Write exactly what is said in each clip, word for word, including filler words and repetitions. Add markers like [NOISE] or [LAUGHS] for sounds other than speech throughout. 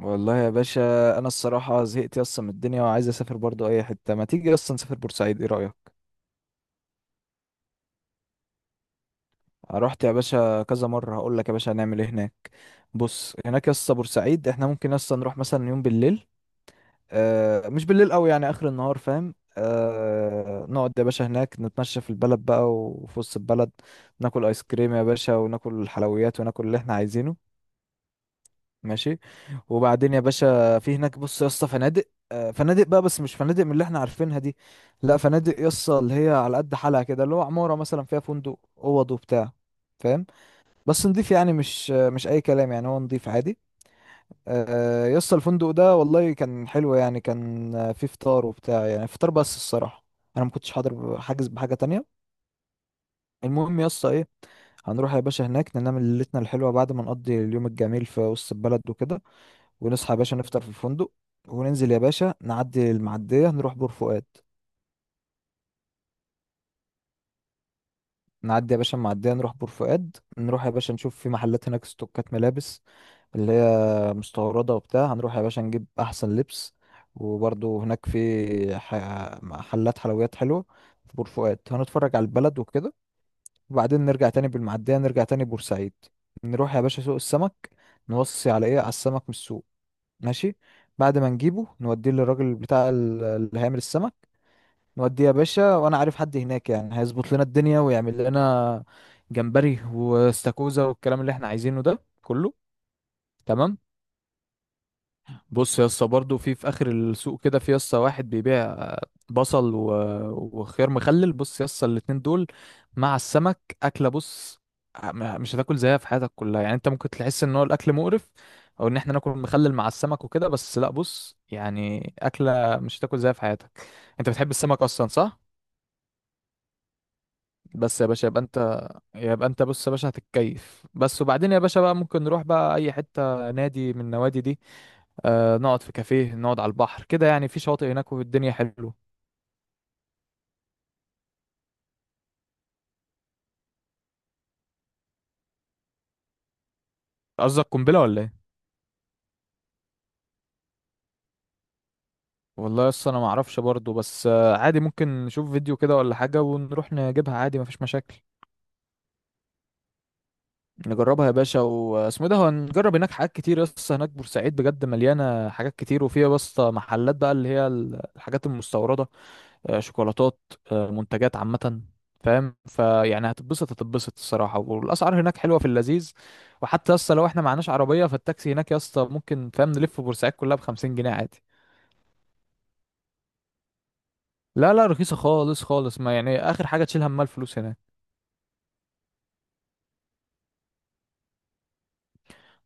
والله يا باشا. انا الصراحه زهقت اصلا من الدنيا وعايز اسافر برضو اي حته، ما تيجي اصلا نسافر بورسعيد؟ ايه رايك؟ رحت يا باشا كذا مره. هقول لك يا باشا هنعمل ايه هناك. بص هناك يا اسطى بورسعيد احنا ممكن اصلا نروح مثلا يوم بالليل. آه مش بالليل قوي، يعني اخر النهار، فاهم؟ آه نقعد يا باشا هناك، نتمشى في البلد بقى وفي وسط البلد. ناكل ايس كريم يا باشا، وناكل الحلويات، وناكل اللي احنا عايزينه. ماشي. وبعدين يا باشا في هناك، بص يا اسطى فنادق، آه، فنادق بقى، بس مش فنادق من اللي احنا عارفينها دي. لا فنادق يا اسطى اللي هي على قد حالها كده، اللي هو عمارة مثلا فيها فندق، اوض وبتاع. فاهم؟ بس نضيف، يعني مش مش اي كلام، يعني هو نضيف عادي. آه، يا اسطى الفندق ده والله كان حلو، يعني كان آه، فيه فطار وبتاع، يعني فطار بس. الصراحة انا ما كنتش حاضر، حاجز بحاجة تانية. المهم يا اسطى ايه. هنروح يا باشا هناك ننام ليلتنا الحلوة بعد ما نقضي اليوم الجميل في وسط البلد وكده. ونصحى يا باشا نفطر في الفندق. وننزل يا باشا نعدي المعدية نروح بور فؤاد. نعدي يا باشا المعدية نروح بور فؤاد، نروح يا باشا نشوف في محلات هناك ستوكات ملابس اللي هي مستوردة وبتاع. هنروح يا باشا نجيب أحسن لبس. وبرضه هناك في ح- محلات حلويات حلوة في بور فؤاد. هنتفرج على البلد وكده. وبعدين نرجع تاني بالمعدية، نرجع تاني بورسعيد. نروح يا باشا سوق السمك، نوصي على ايه، على السمك من السوق. ماشي. بعد ما نجيبه نوديه للراجل بتاع ال- اللي هيعمل السمك. نودي يا باشا، وانا عارف حد هناك يعني هيظبط لنا الدنيا، ويعمل لنا جمبري واستاكوزا والكلام اللي احنا عايزينه ده كله. تمام. بص يا اسطى برضه في في اخر السوق كده، في يا اسطى واحد بيبيع آه، بصل و... وخيار مخلل. بص يا اسطى الاتنين دول مع السمك اكله. بص، م- مش هتاكل زيها في حياتك كلها. يعني انت ممكن تحس ان هو الاكل مقرف، او ان احنا ناكل مخلل مع السمك وكده، بس لا، بص يعني اكله مش هتاكل زيها في حياتك. انت بتحب السمك اصلا صح؟ بس يا باشا يبقى انت، يبقى انت بص يا باشا هتتكيف بس. وبعدين يا باشا بقى ممكن نروح بقى اي حتة نادي من النوادي دي. آه نقعد في كافيه، نقعد على البحر كده، يعني في شواطئ هناك والدنيا حلوه. قصدك قنبلة ولا ايه؟ والله لسه انا ما اعرفش برضه، بس آه عادي ممكن نشوف فيديو كده ولا حاجة ونروح نجيبها عادي، مفيش مشاكل. نجربها يا باشا واسمه ده، هنجرب هناك حاجات كتير. لسه هناك بورسعيد بجد مليانة حاجات كتير، وفيها بس محلات بقى اللي هي الحاجات المستوردة. آه، شوكولاتات، آه، منتجات عامة. فاهم؟ فيعني هتتبسط هتتبسط الصراحة، والأسعار هناك حلوة في اللذيذ. وحتى يسطا لو احنا معناش عربية، فالتاكسي هناك يسطا ممكن فاهم نلف بورسعيد كلها بخمسين جنيه عادي. لا لا رخيصة خالص خالص، ما يعني آخر حاجة تشيل همها الفلوس هناك.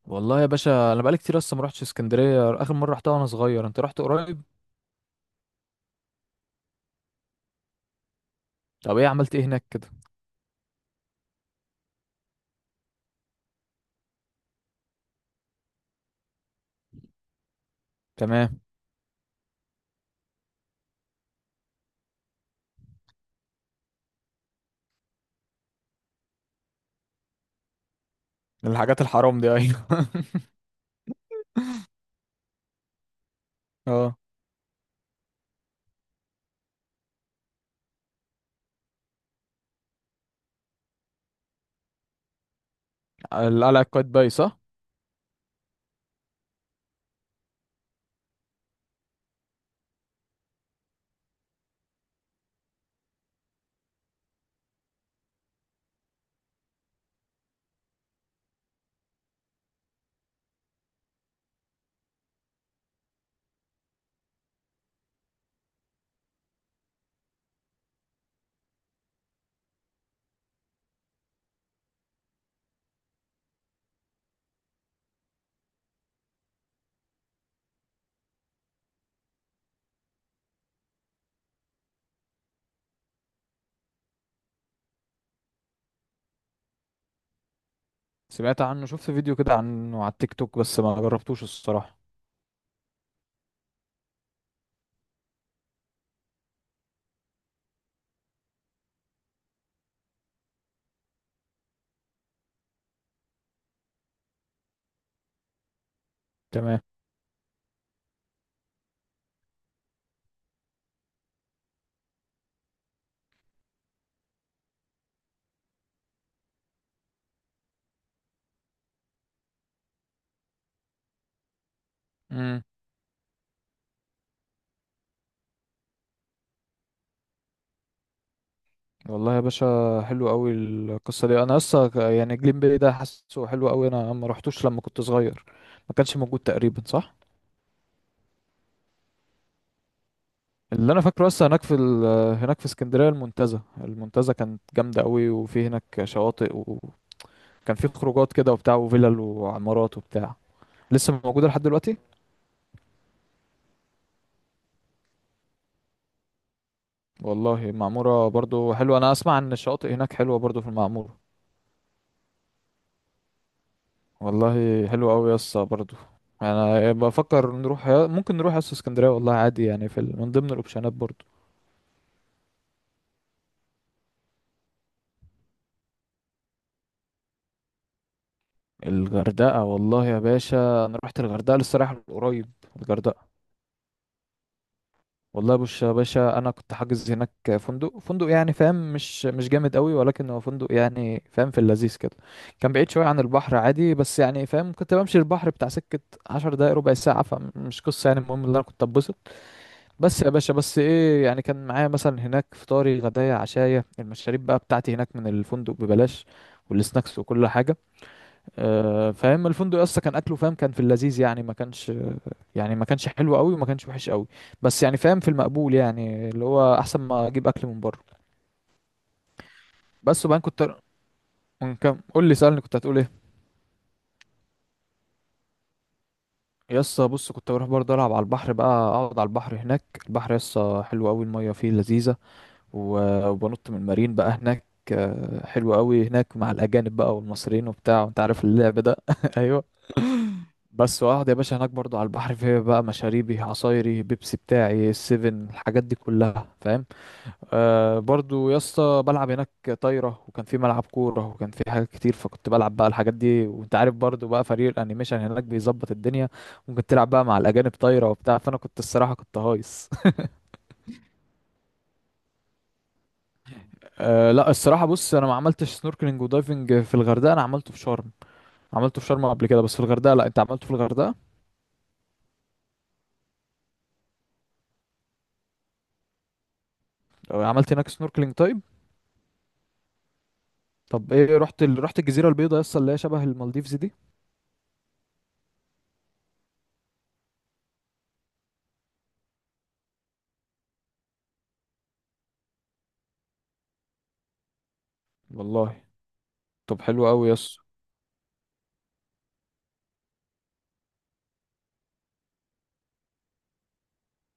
والله يا باشا أنا بقالي كتير لسه ما روحتش اسكندرية، آخر مرة رحتها وأنا صغير، أنت رحت قريب. طب إيه عملت إيه هناك كده؟ تمام. الحاجات الحرام دي، أيوة [LAUGHS] اه. القلعة قايتباي صح؟ سمعت عنه، شفت فيديو كده عنه على التيك توك، بس ما جربتوش الصراحة. تمام. امم والله يا باشا، حلو قوي القصه دي. انا اصلا ك- يعني جليم بي ده حاسه حلو قوي، انا ما رحتوش لما كنت صغير، ما كانش موجود تقريبا صح؟ اللي انا فاكره اصلا هناك في ال... هناك في اسكندريه المنتزه. المنتزه كانت جامده قوي، وفي هناك شواطئ، وكان في خروجات كده وبتاع، وفلل وعمارات وبتاع. لسه موجوده لحد دلوقتي؟ والله المعموره برضو حلوه، انا اسمع ان الشواطئ هناك حلوه برضو في المعموره. والله حلو قوي يا اسطى برضه. انا بفكر نروح، ممكن نروح يا اسطى اسكندريه، والله عادي يعني في ال- من ضمن الاوبشنات برضه. الغردقه، والله يا باشا انا رحت الغردقه لسه رايح قريب. الغردقه، والله بص يا باشا انا كنت حاجز هناك فندق فندق يعني فاهم، مش مش جامد قوي، ولكن هو فندق يعني فاهم في اللذيذ كده. كان بعيد شويه عن البحر، عادي، بس يعني فاهم كنت بمشي البحر بتاع سكه 10 دقايق ربع ساعه، فمش قصه. يعني المهم ان انا كنت اتبسط. بس يا باشا بس ايه، يعني كان معايا مثلا هناك فطاري غدايا عشايا، المشاريب بقى بتاعتي هناك من الفندق ببلاش، والسناكس وكل حاجة. آه فاهم الفندق اصلا كان اكله، فاهم كان في اللذيذ، يعني ما كانش يعني ما كانش حلو قوي، وما كانش وحش قوي، بس يعني فاهم في المقبول، يعني اللي هو احسن ما اجيب اكل من بره. بس وبعدين كنت، من كام قول لي سألني كنت هتقول ايه؟ يسا بص كنت بروح برضه العب على البحر بقى، اقعد على البحر هناك، البحر يسا حلو قوي، المية فيه لذيذة، و- وبنط من المارين بقى هناك. آه، حلو قوي هناك مع الأجانب بقى والمصريين وبتاع، وانت عارف اللعب ده [LAUGHS] ايوه. بس واقعد يا باشا هناك برضو على البحر، في بقى مشاريبي، عصايري، بيبسي بتاعي، السيفن، الحاجات دي كلها فاهم. آه برضو يا اسطى بلعب هناك طايرة، وكان في ملعب كورة، وكان في حاجات كتير، فكنت بلعب بقى الحاجات دي، وانت عارف برضو بقى فريق الانيميشن هناك بيظبط الدنيا، ممكن تلعب بقى مع الأجانب طايرة وبتاع، فأنا كنت الصراحة كنت هايص. أه لا الصراحة بص أنا ما عملتش سنوركلينج ودايفنج في الغردقة، أنا عملته في شرم. عملته في شرم قبل كده، بس في الغردقة لا. أنت عملته في الغردقة؟ أه، عملت هناك سنوركلينج طيب. طب إيه رحت ال... رحت الجزيرة البيضاء يس، اللي هي شبه المالديفز دي؟ والله طب حلو أوي يس.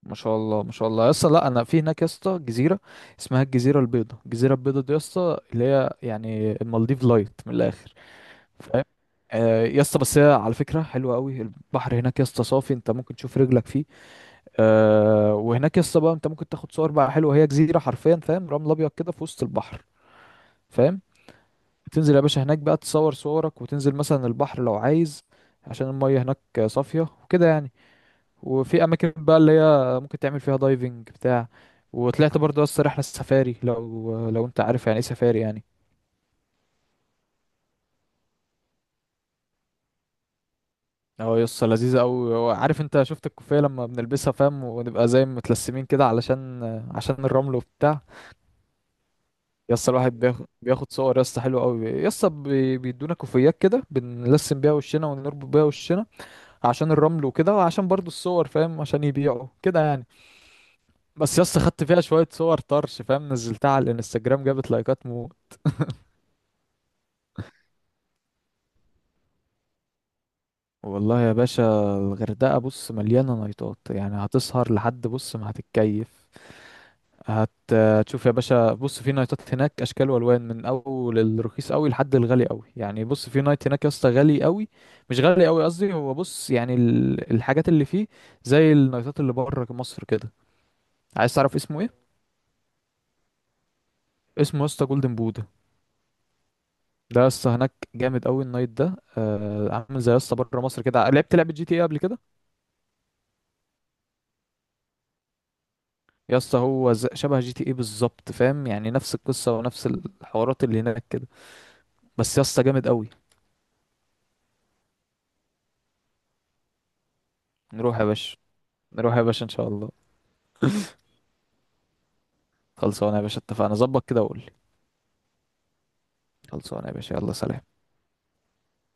ما شاء الله ما شاء الله يس. لا أنا في هناك يس جزيرة اسمها الجزيرة البيضاء. الجزيرة البيضاء دي يس اللي هي يعني المالديف لايت من الآخر، فاهم؟ آه، يا اسطى بس هي على فكرة حلوة قوي، البحر هناك يا اسطى صافي، انت ممكن تشوف رجلك فيه. آه وهناك يسطا بقى انت ممكن تاخد صور بقى حلوه، هي جزيره حرفيا فاهم، رمل ابيض كده في وسط البحر، فاهم؟ تنزل يا باشا هناك بقى تصور صورك، وتنزل مثلا البحر لو عايز، عشان المية هناك صافية وكده يعني. وفي أماكن بقى اللي هي ممكن تعمل فيها دايفنج بتاع. وطلعت برضه يسطا رحلة سفاري، لو لو انت عارف يعني ايه سفاري يعني. اه يسطا لذيذة أوي. عارف انت شفت الكوفية لما بنلبسها فاهم، ونبقى زي متلسمين كده، علشان عشان الرمل وبتاع. يسطا الواحد بياخد بياخد صور يسطا حلوة قوي. يسطا بي- بيدونا كوفيات كده بنلسم بيها وشنا، ونربط بيها وشنا عشان الرمل وكده، وعشان برضو الصور فاهم عشان يبيعوا كده يعني. بس يسطا خدت فيها شوية صور طرش فاهم، نزلتها على الانستجرام جابت لايكات مو. والله يا باشا الغردقة بص مليانة نايتات، يعني هتسهر لحد بص ما هتتكيف. هت هتشوف يا باشا بص في نايتات هناك اشكال والوان، من اول الرخيص قوي لحد الغالي قوي. يعني بص في نايت هناك يا اسطى غالي قوي، مش غالي قوي قصدي، هو بص يعني ال- الحاجات اللي فيه زي النايتات اللي بره مصر كده. عايز تعرف اسمه ايه؟ اسمه يا اسطى جولدن بودا. ده يا اسطى هناك جامد قوي النايت ده، آه عامل زي يا اسطى بره مصر كده. لعبت لعبه جي تي ايه قبل كده؟ يا اسطى هو ز- شبه جي تي ايه بالظبط فاهم، يعني نفس القصه ونفس الحوارات اللي هناك كده، بس يا اسطى جامد قوي. نروح يا باشا. نروح يا باشا ان شاء الله. خلصانه يا باشا اتفقنا، ظبط كده وقول لي. خلصانه يا باشا، يلا سلام.